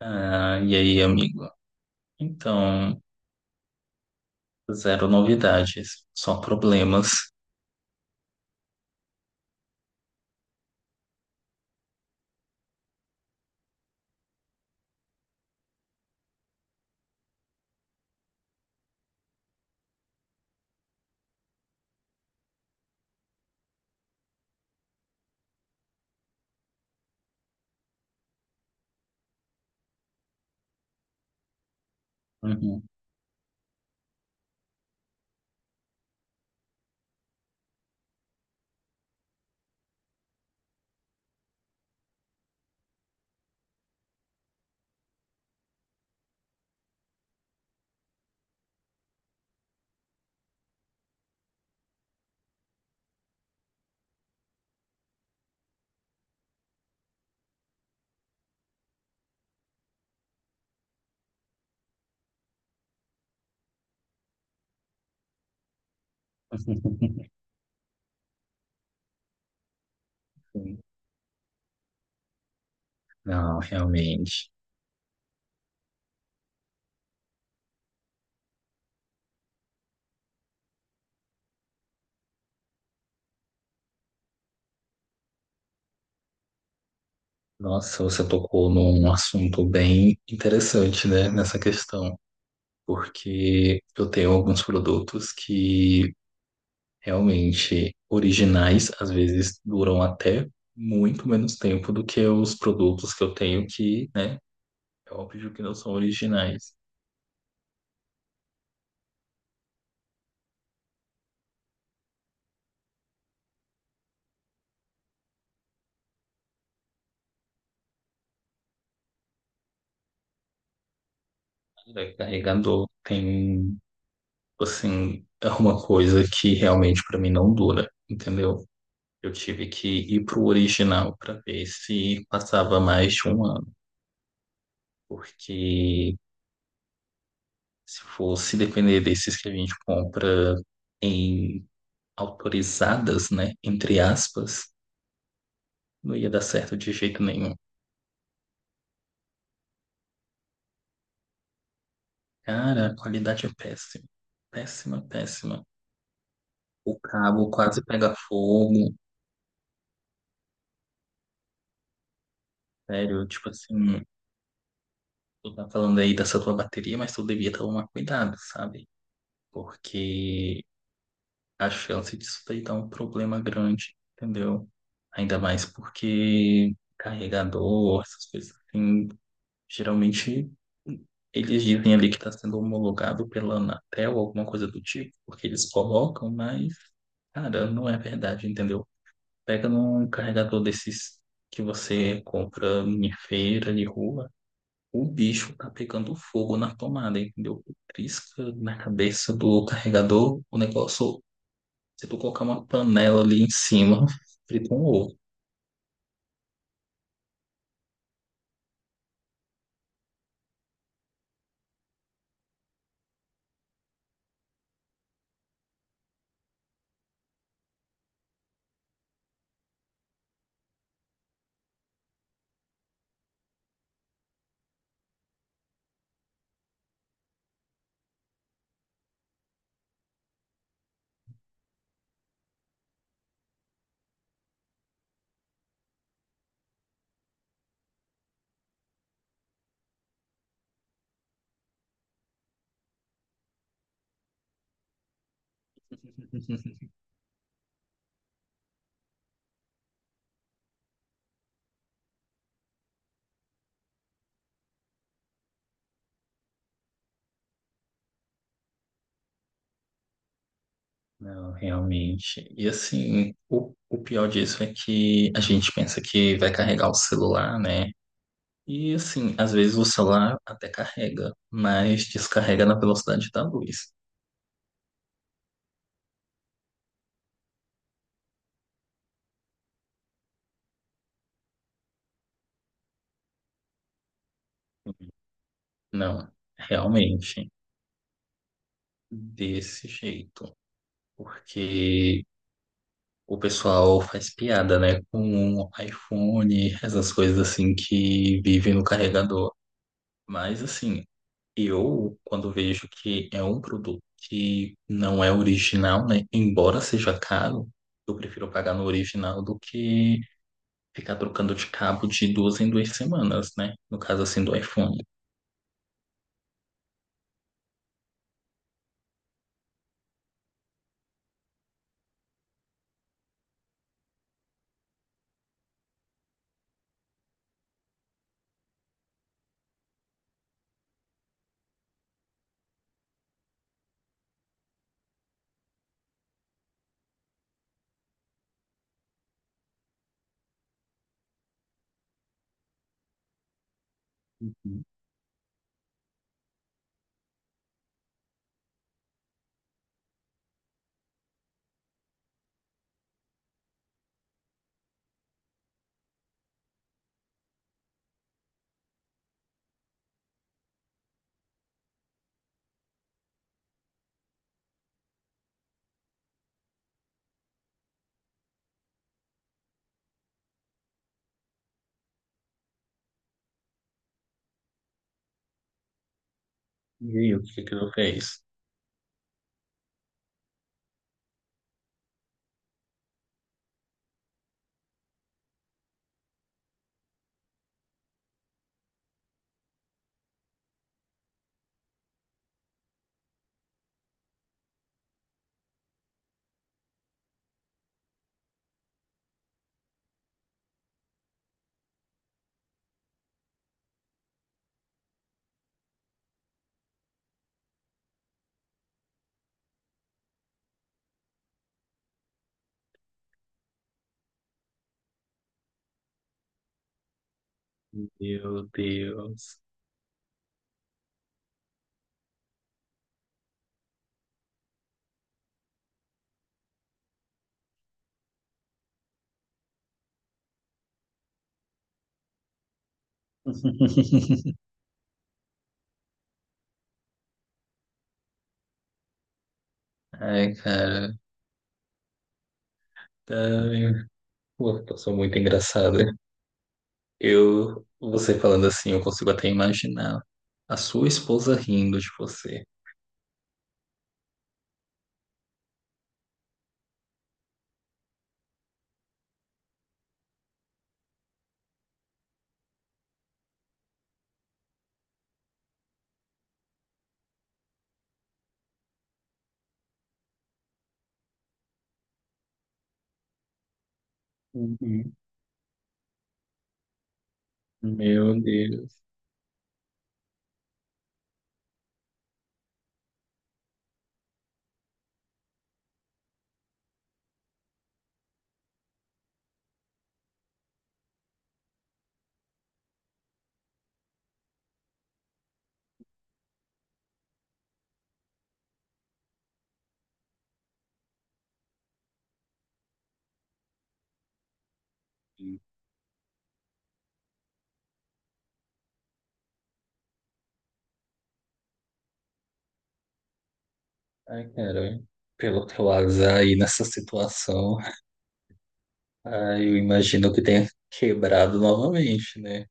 Ah, e aí, amigo? Então, zero novidades, só problemas. Uhum. Sim. Não, realmente. Nossa, você tocou num assunto bem interessante, né, nessa questão, porque eu tenho alguns produtos que realmente originais, às vezes duram até muito menos tempo do que os produtos que eu tenho que, né, é óbvio que não são originais. Carregador tem. Assim, é uma coisa que realmente pra mim não dura, entendeu? Eu tive que ir pro original pra ver se passava mais de um ano, porque se fosse depender desses que a gente compra em autorizadas, né, entre aspas, não ia dar certo de jeito nenhum. Cara, a qualidade é péssima, péssima, péssima. O cabo quase pega fogo, sério, tipo assim, tu tá falando aí dessa tua bateria, mas tu devia tomar cuidado, sabe? Porque a chance disso daí dá um problema grande, entendeu? Ainda mais porque carregador, essas coisas assim, geralmente eles dizem ali que está sendo homologado pela Anatel, alguma coisa do tipo, porque eles colocam, mas, cara, não é verdade, entendeu? Pega num carregador desses que você compra em feira de rua, o bicho tá pegando fogo na tomada, entendeu? Trisca na cabeça do carregador, o negócio. Se tu colocar uma panela ali em cima, frita um ovo. Não, realmente. E assim, o pior disso é que a gente pensa que vai carregar o celular, né? E assim, às vezes o celular até carrega, mas descarrega na velocidade da luz. Não, realmente, desse jeito. Porque o pessoal faz piada, né, com iPhone, essas coisas assim que vivem no carregador. Mas assim, eu, quando vejo que é um produto que não é original, né? Embora seja caro, eu prefiro pagar no original do que ficar trocando de cabo de duas em duas semanas, né? No caso, assim, do iPhone. E aí, o que que eu fiz? Meu Deus. Ai, cara. Ai, pô, passou muito engraçada. Eu, você falando assim, eu consigo até imaginar a sua esposa rindo de você. Uhum. Meu Deus. Ai, cara, pelo teu azar aí nessa situação, ai, eu imagino que tenha quebrado novamente, né?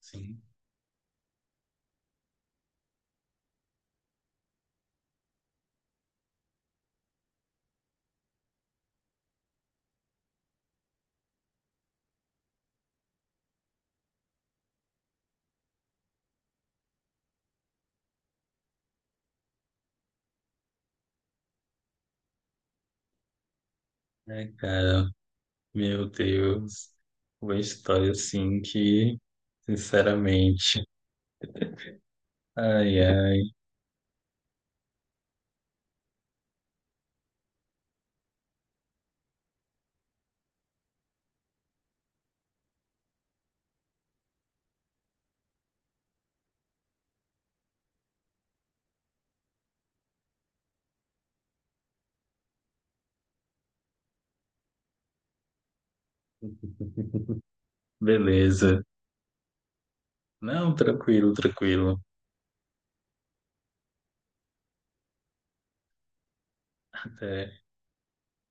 Sim. Ai, cara, meu Deus. Uma história assim que, sinceramente, ai, ai. Beleza. Não, tranquilo, tranquilo. Até.